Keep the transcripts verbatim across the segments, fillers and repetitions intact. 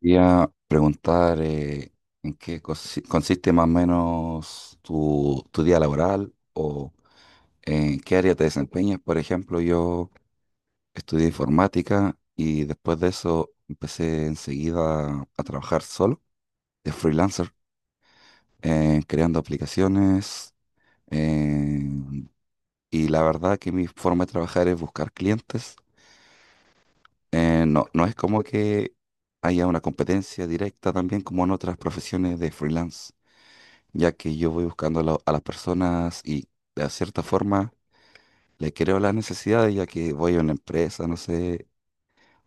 Quería preguntar eh, en qué consi- consiste más o menos tu, tu día laboral o en qué área te desempeñas. Por ejemplo, yo estudié informática y después de eso empecé enseguida a trabajar solo de freelancer, eh, creando aplicaciones. eh, y la verdad que mi forma de trabajar es buscar clientes. Eh, no, no es como que haya una competencia directa también como en otras profesiones de freelance, ya que yo voy buscando a, la- a las personas y de cierta forma le creo las necesidades, ya que voy a una empresa, no sé,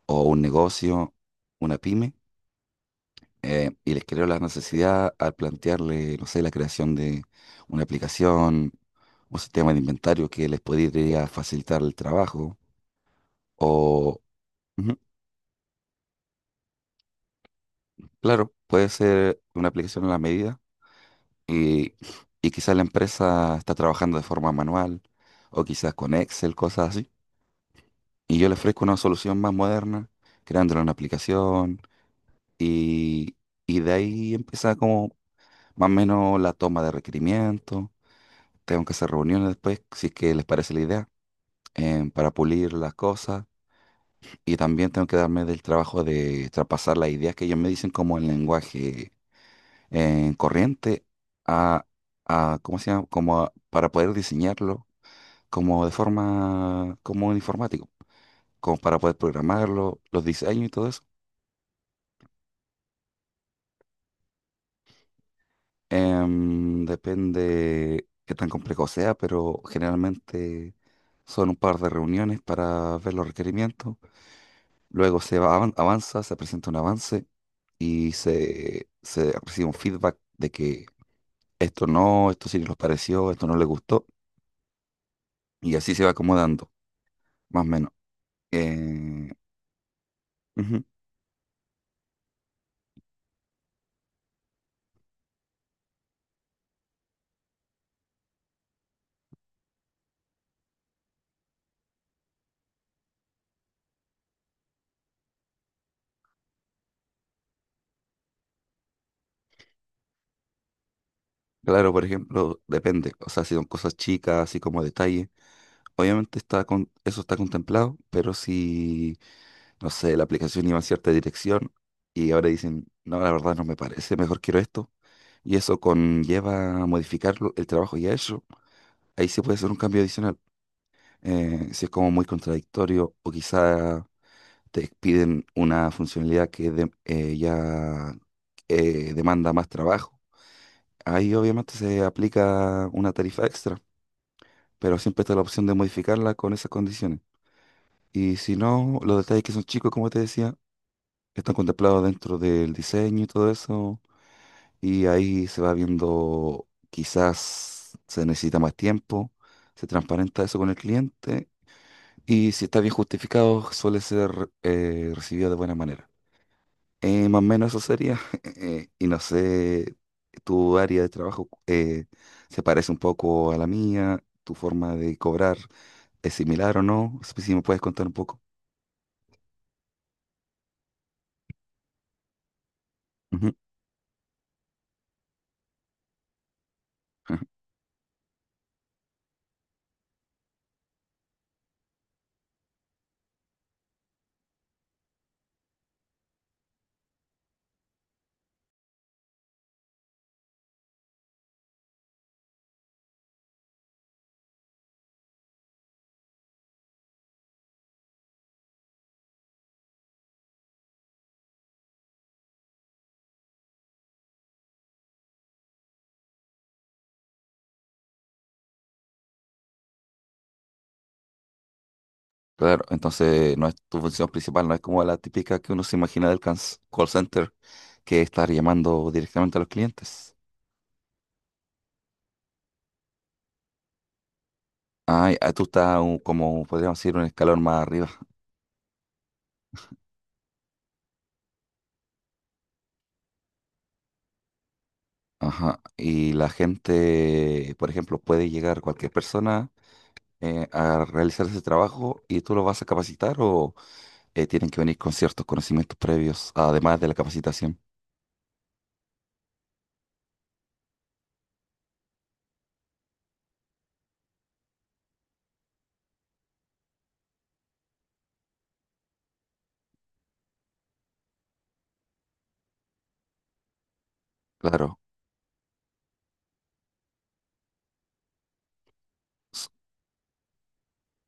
o un negocio, una pyme, eh, y les creo la necesidad al plantearle, no sé, la creación de una aplicación, un sistema de inventario que les podría facilitar el trabajo, o, ujú, claro, puede ser una aplicación a la medida y, y quizás la empresa está trabajando de forma manual. O quizás con Excel, cosas así. Y yo le ofrezco una solución más moderna, creándole una aplicación y, y de ahí empieza como más o menos la toma de requerimientos. Tengo que hacer reuniones después, si es que les parece la idea, em, para pulir las cosas. Y también tengo que darme del trabajo de traspasar las ideas que ellos me dicen como en lenguaje em, corriente a, a, ¿cómo se llama? Como a- para poder diseñarlo como de forma, como un informático, como para poder programarlo, los diseños y todo eso. Em, depende qué tan complejo sea, pero generalmente son un par de reuniones para ver los requerimientos. Luego se va- avan- avanza, se presenta un avance y se, se recibe un feedback de que esto no, esto sí nos pareció, esto no le gustó. Y así se va acomodando, más o menos. Eh, ujú. Claro, por ejemplo, depende. O sea, si son cosas chicas, así como detalles. Obviamente está con, eso está contemplado, pero si no sé, la aplicación iba en cierta dirección y ahora dicen, no, la verdad no me parece, mejor quiero esto. Y eso conlleva a modificar lo- el trabajo ya hecho. Ahí sí puede ser un cambio adicional. Eh, si es como muy contradictorio o quizá te piden una funcionalidad que de- eh, ya eh, demanda más trabajo. Ahí obviamente se aplica una tarifa extra, pero siempre está la opción de modificarla con esas condiciones. Y si no, los detalles que son chicos, como te decía, que están contemplados dentro del diseño y todo eso. Y ahí se va viendo, quizás se necesita más tiempo, se transparenta eso con el cliente. Y si está bien justificado, suele ser eh, recibido de buena manera. Eh, más o menos eso sería. Eh, y no sé, tu área de trabajo eh, se parece un poco a la mía, tu forma de cobrar es similar o no. Si me puedes contar un poco. Ujú. Ah. Claro, entonces no es tu función principal, no es como la típica que uno se imagina del cans- call center, que es estar llamando directamente a los clientes. Ay, ah, tú estás un- como podríamos decir un escalón más arriba. Ajá. Y la gente, por ejemplo, puede llegar cualquier persona eh, a realizar ese trabajo y tú lo vas a capacitar o eh, tienen que venir con ciertos conocimientos previos, además de la capacitación. Claro.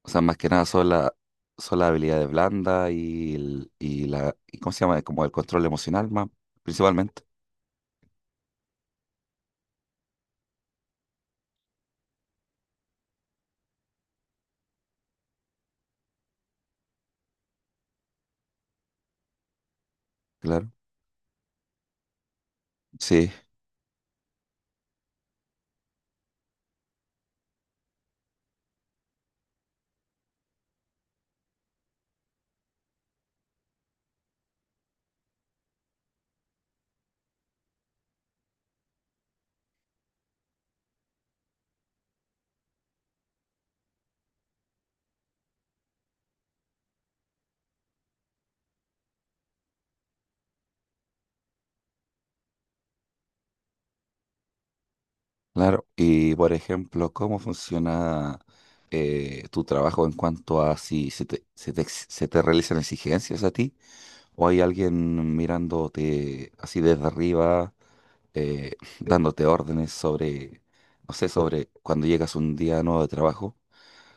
O sea, más que nada son la, son las habilidades blandas y, el- y la, y ¿cómo se llama? Eh, Como el control emocional, más, principalmente. Claro. Sí, claro. Y por ejemplo, ¿cómo funciona eh, tu trabajo en cuanto a si se te, se te, ex- se te realizan exigencias a ti? ¿O hay alguien mirándote así desde arriba, eh, dándote órdenes sobre, no sé, sobre cuando llegas un día nuevo de trabajo?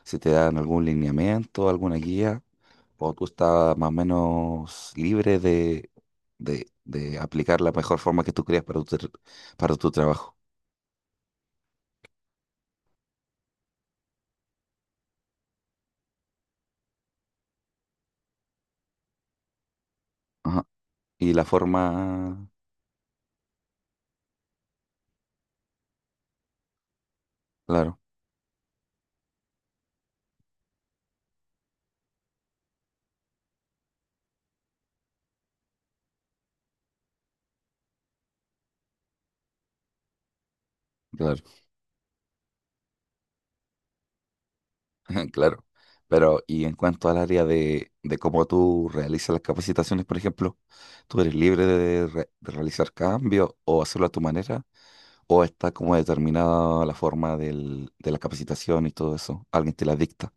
¿Si te dan algún lineamiento, alguna guía, o tú estás más o menos libre de, de, de aplicar la mejor forma que tú creas para tu, tr- para tu trabajo? Ajá. Y la forma, claro, claro, claro. Pero, y en cuanto al área de, de cómo tú realizas las capacitaciones, por ejemplo, ¿tú eres libre de, re- de realizar cambios o hacerlo a tu manera? ¿O está como determinada la forma del- de la capacitación y todo eso? ¿Alguien te la dicta?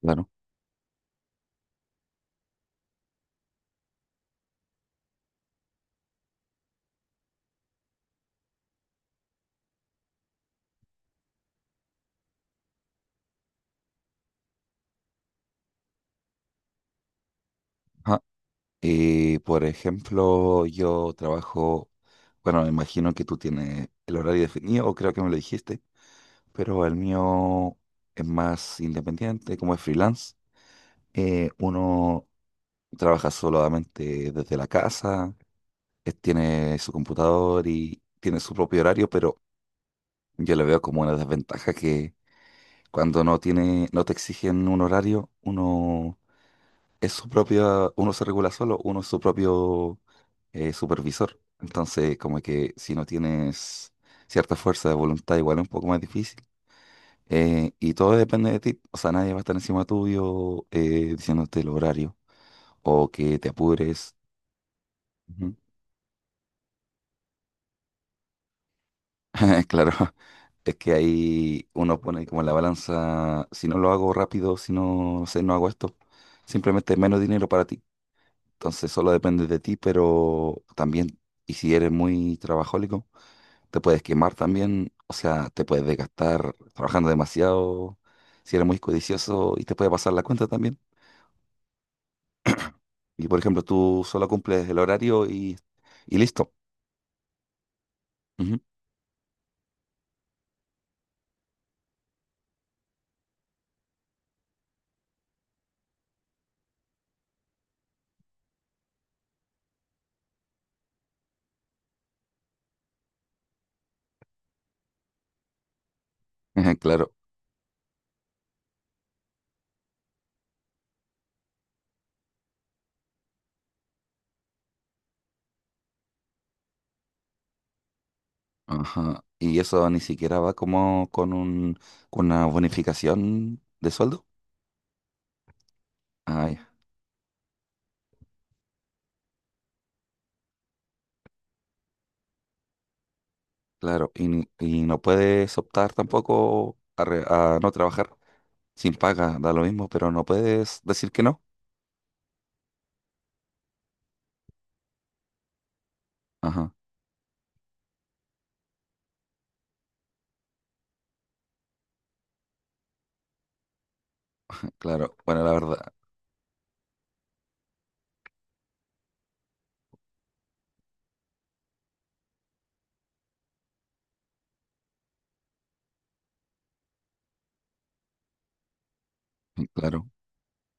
Claro. Y por ejemplo, yo trabajo, bueno, me imagino que tú tienes el horario definido, o creo que me lo dijiste, pero el mío es más independiente, como es freelance. Eh, uno trabaja solamente desde la casa, eh, tiene su computador y tiene su propio horario, pero yo le veo como una desventaja que cuando no tiene, no te exigen un horario, uno es su propia, uno se regula solo, uno es su propio eh, supervisor. Entonces, como que si no tienes cierta fuerza de voluntad, igual es un poco más difícil. Eh, y todo depende de ti. O sea, nadie va a estar encima tuyo eh, diciéndote el horario o que te apures. Ujú. Claro, es que ahí uno pone como la balanza, si no lo hago rápido, si no, no sé, no hago esto, simplemente menos dinero para ti. Entonces solo depende de ti, pero también, y si eres muy trabajólico, te puedes quemar también, o sea, te puedes desgastar trabajando demasiado, si eres muy codicioso y te puede pasar la cuenta también. Y por ejemplo, tú solo cumples el horario y, y listo. Ujú. Ujú, claro. Ajá. Y eso ni siquiera va como con un, con una bonificación de sueldo. Ah, ya, claro. Y, ni- y no puedes optar tampoco a, re- a no trabajar. Sin paga, da lo mismo, pero no puedes decir que no. Ajá, claro, bueno, la verdad, claro,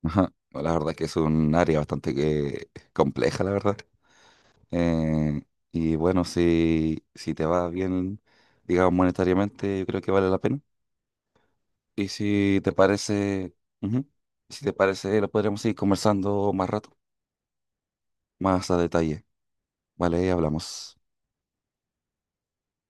ajá, bueno, la verdad que es un área bastante que compleja, la verdad. Eh, y bueno, si, si te va bien, digamos, monetariamente, yo creo que vale la pena. Y si te parece, ujú, si te parece, lo podremos seguir conversando más rato, más a detalle, ¿vale? Hablamos.